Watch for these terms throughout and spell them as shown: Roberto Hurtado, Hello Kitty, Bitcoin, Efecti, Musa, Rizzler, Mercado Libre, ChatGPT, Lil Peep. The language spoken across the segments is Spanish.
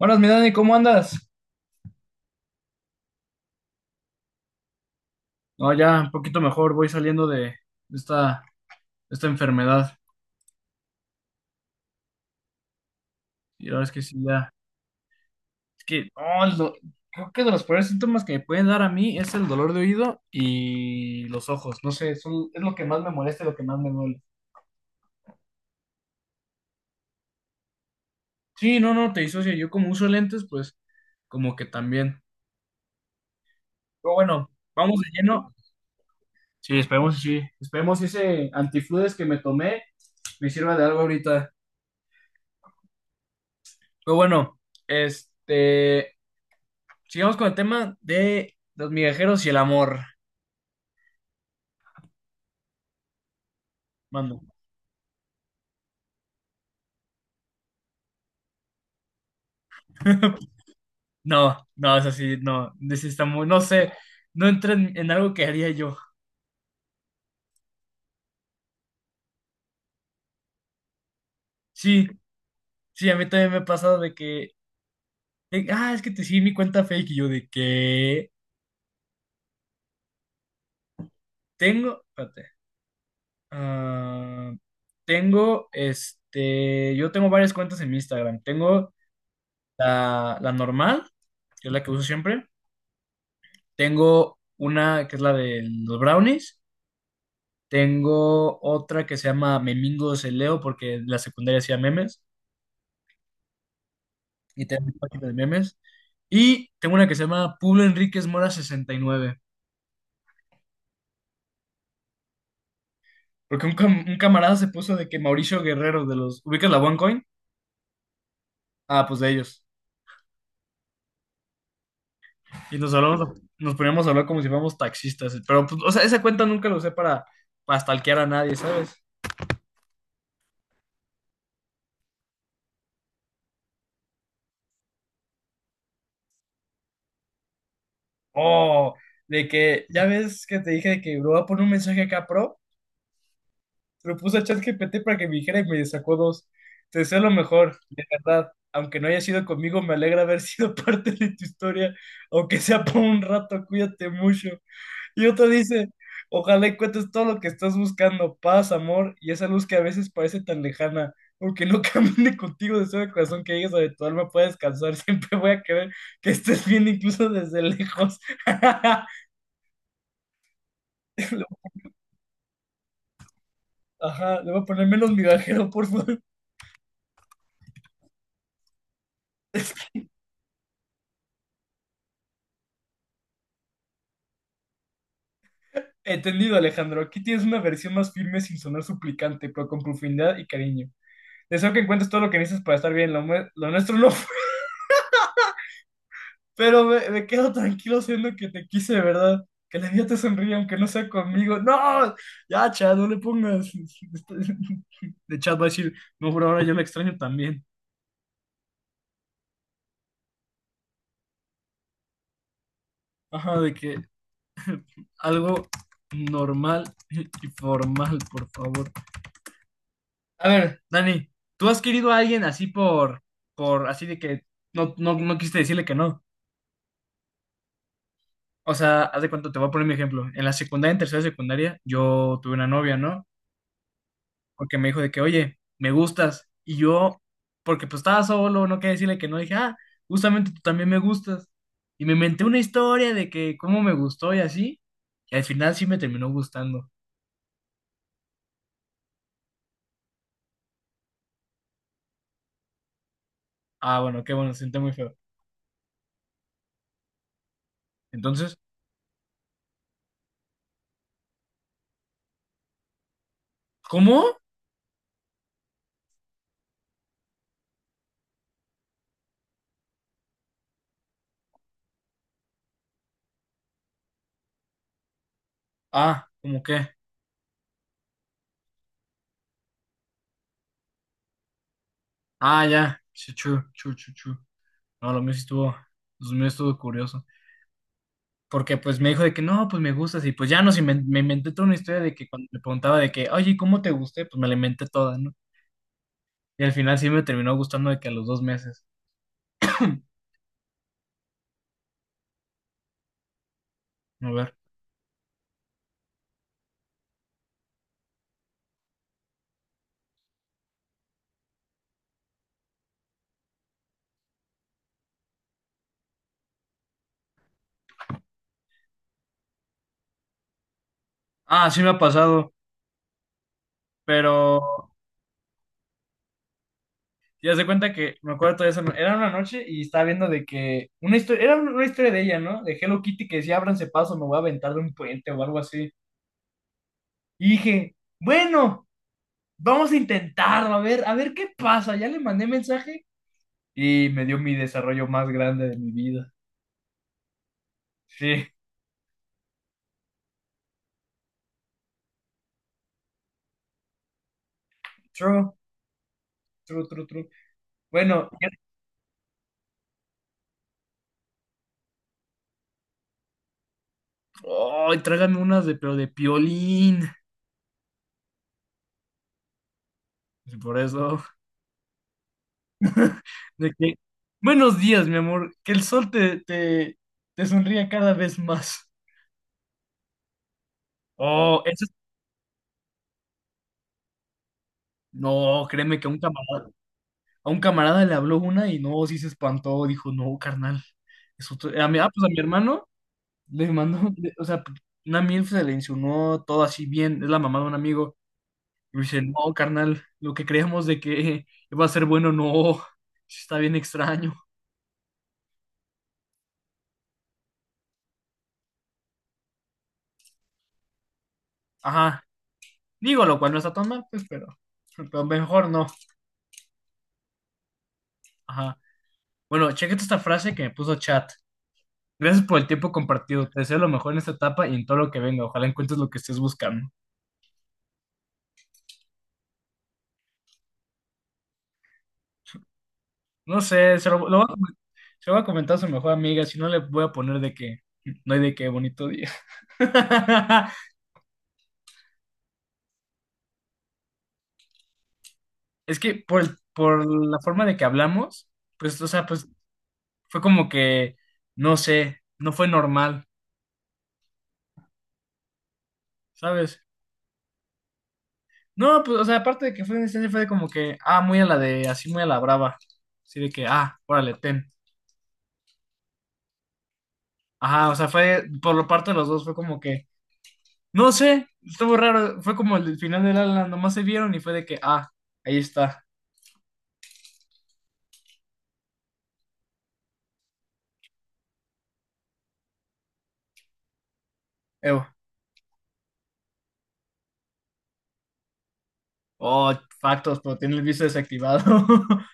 Buenas, mi Dani, ¿cómo andas? No, ya un poquito mejor, voy saliendo de esta, esta enfermedad. Y la verdad es que sí, ya. Es que, no, creo que de los peores síntomas que me pueden dar a mí es el dolor de oído y los ojos. No sé, es lo que más me molesta y lo que más me duele. Sí, no, no, te disocia. Yo como uso lentes, pues como que también. Pero bueno, vamos de lleno. Sí. Esperemos que ese antifludes que me tomé me sirva de algo ahorita. Pero bueno, este. Sigamos con el tema de los migajeros y el amor. Mando. No, no, es así, no. This está muy, no sé, no entra en algo que haría yo. Sí, sí, a mí también me ha pasado de que, es que te sigue mi cuenta fake y yo de que espérate, ah, yo tengo varias cuentas en mi Instagram. Tengo la normal, que es la que uso siempre. Tengo una que es la de los brownies. Tengo otra que se llama Memingos el Leo, porque en la secundaria hacía memes y tengo mi página de memes. Y tengo una que se llama Pablo Enríquez Mora 69, porque un camarada se puso de que Mauricio Guerrero de los... ¿Ubicas la OneCoin? Ah, pues de ellos. Y nos hablamos, nos poníamos a hablar como si fuéramos taxistas. Pero, pues, o sea, esa cuenta nunca la usé para stalkear a nadie, ¿sabes? Oh, de que, ya ves que te dije de que, bro, voy a poner un mensaje acá, pro. Lo puse a ChatGPT para que me dijera y me sacó dos. Te deseo lo mejor, de verdad. Aunque no haya sido conmigo, me alegra haber sido parte de tu historia, aunque sea por un rato, cuídate mucho. Y otro dice, ojalá encuentres todo lo que estás buscando, paz, amor y esa luz que a veces parece tan lejana. Aunque no camine contigo, deseo de corazón que llegues a donde tu alma pueda descansar. Siempre voy a querer que estés bien, incluso desde lejos. Ajá, le voy a poner menos migajero, por favor. Entendido, Alejandro. Aquí tienes una versión más firme sin sonar suplicante, pero con profundidad y cariño. Deseo que encuentres todo lo que necesitas para estar bien. Lo nuestro no fue. Pero me quedo tranquilo siendo que te quise de verdad. Que la vida te sonríe aunque no sea conmigo. ¡No! Ya, Chad, no le pongas. De Chad va a decir, no, por ahora yo la extraño también. Ajá, de que algo normal y formal, por favor. A ver, Dani, ¿tú has querido a alguien así así de que no, no, no quisiste decirle que no? O sea, haz de cuenta, te voy a poner mi ejemplo. En la secundaria, en tercera secundaria, yo tuve una novia, ¿no? Porque me dijo de que, oye, me gustas. Y yo, porque pues estaba solo, no quería decirle que no, dije, ah, justamente tú también me gustas. Y me inventé una historia de que cómo me gustó y así. Y al final sí me terminó gustando. Ah, bueno, qué bueno, se siente muy feo. Entonces, ¿cómo? Ah, ¿cómo qué? Ah, ya. Chu, chu, chu, chu, chu. No, lo mío sí estuvo, lo mío estuvo curioso. Porque pues me dijo de que no, pues me gustas y pues ya me inventé toda una historia de que cuando me preguntaba de que, oye, ¿cómo te gusté? Pues me la inventé toda, ¿no? Y al final sí me terminó gustando de que a los 2 meses. A ver. Ah, sí me ha pasado, pero ya se cuenta que me acuerdo toda esa, era una noche y estaba viendo de que una historia, era una historia de ella, ¿no? De Hello Kitty que decía, ábranse paso, me voy a aventar de un puente o algo así. Y dije, bueno, vamos a intentarlo, a ver qué pasa. Ya le mandé mensaje. Y me dio mi desarrollo más grande de mi vida. Sí, true, true, true, true. Bueno, ay, tráigame unas de, pero de piolín. Y por eso, de que, buenos días, mi amor, que el sol te sonría cada vez más. Oh, eso, no, créeme que a un camarada le habló una y no, sí se espantó, dijo, no, carnal. Es otro- a mi, ah, pues a mi hermano o sea, una milf se le insinuó todo así bien, es la mamá de un amigo. Y dice, no, carnal, lo que creíamos de que iba a ser bueno, no, está bien extraño. Ajá, digo, lo cual no está tan mal, pues, pero mejor no. Ajá. Bueno, chequete esta frase que me puso chat. Gracias por el tiempo compartido. Te deseo lo mejor en esta etapa y en todo lo que venga. Ojalá encuentres lo que estés buscando. No sé, se lo voy a comentar a su mejor amiga, si no le voy a poner de que no hay de qué bonito día. Es que por la forma de que hablamos, pues, o sea, pues fue como que, no sé, no fue normal, ¿sabes? No, pues, o sea, aparte de que fue una instancia, fue de como que, muy a la de, así muy a la brava. Así de que, órale, ten. Ajá, o sea, fue, por la parte de los dos, fue como que, no sé, estuvo raro. Fue como el final del ala, nomás se vieron y fue de que, ahí está, Evo. Oh, factos, pero tiene el visto desactivado.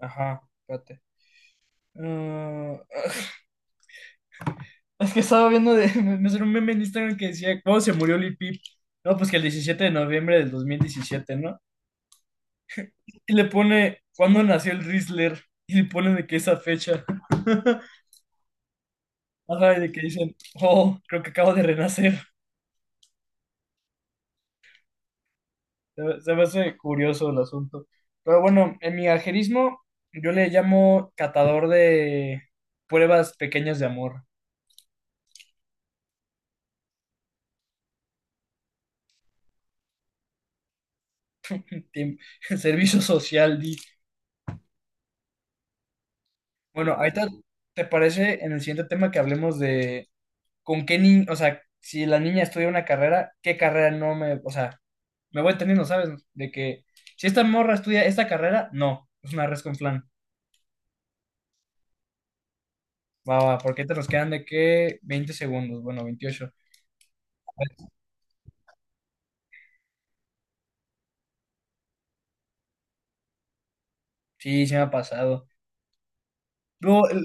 Ajá, espérate. Ah, es que estaba viendo de, me salió un meme en Instagram que decía, ¿cuándo se murió Lil Peep? No, pues que el 17 de noviembre del 2017, ¿no? Y le pone, ¿cuándo nació el Rizzler? Y le pone de que esa fecha. Ajá, y de que dicen, oh, creo que acabo de renacer. Se me hace curioso el asunto. Pero bueno, en mi ajerismo, yo le llamo catador de pruebas pequeñas de amor. Tiem- Servicio social, di. Bueno, ahorita, ¿te parece en el siguiente tema que hablemos de con qué niño, o sea, si la niña estudia una carrera, qué carrera no me, o sea, me voy entendiendo, ¿sabes? De que si esta morra estudia esta carrera, no, es una res con flan. Va, va, porque te nos quedan de qué 20 segundos, bueno, 28. Sí, se me ha pasado. Luego,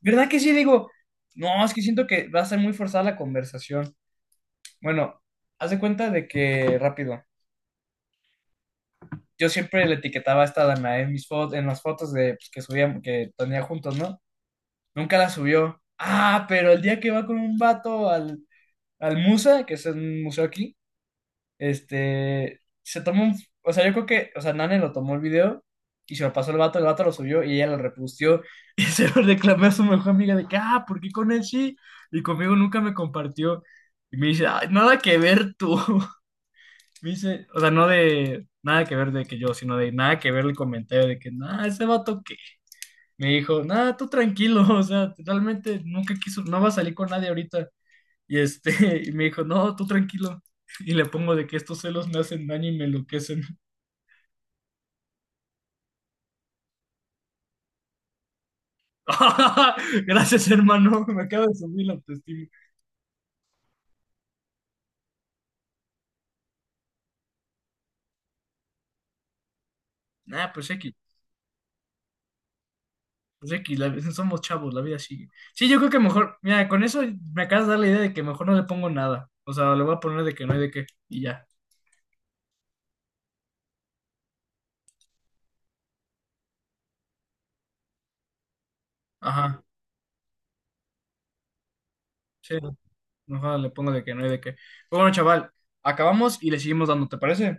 ¿verdad que sí? Digo, no, es que siento que va a ser muy forzada la conversación. Bueno, haz de cuenta de que, rápido, yo siempre le etiquetaba a esta Danae en mis fotos, en las fotos de, pues, que subíamos, que tenía juntos, ¿no? Nunca la subió. Ah, pero el día que va con un vato al Musa, que es un museo aquí, se toma un... O sea, yo creo que, o sea, Nane lo tomó el video y se lo pasó el vato lo subió y ella lo repustió y se lo reclamé a su mejor amiga de que, ¿por qué con él sí? Y conmigo nunca me compartió. Y me dice, "Ay, nada que ver tú. Me dice, o sea, no de nada que ver de que yo, sino de nada que ver el comentario de que, nada, ese vato me dijo, nada, tú tranquilo, o sea, realmente nunca quiso, no va a salir con nadie ahorita. Y me dijo, no, tú tranquilo. Y le pongo de que estos celos me hacen daño y me enloquecen. Gracias, hermano, me acaba de subir la autoestima. Nah, pues X, somos chavos, la vida sigue. Sí, yo creo que mejor, mira, con eso me acabas de dar la idea de que mejor no le pongo nada. O sea, le voy a poner de que no hay de qué y ya. Ajá, sí, mejor le pongo de que no hay de qué. Pero bueno, chaval, acabamos y le seguimos dando, ¿te parece?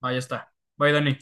Ahí está. Bye, Dani.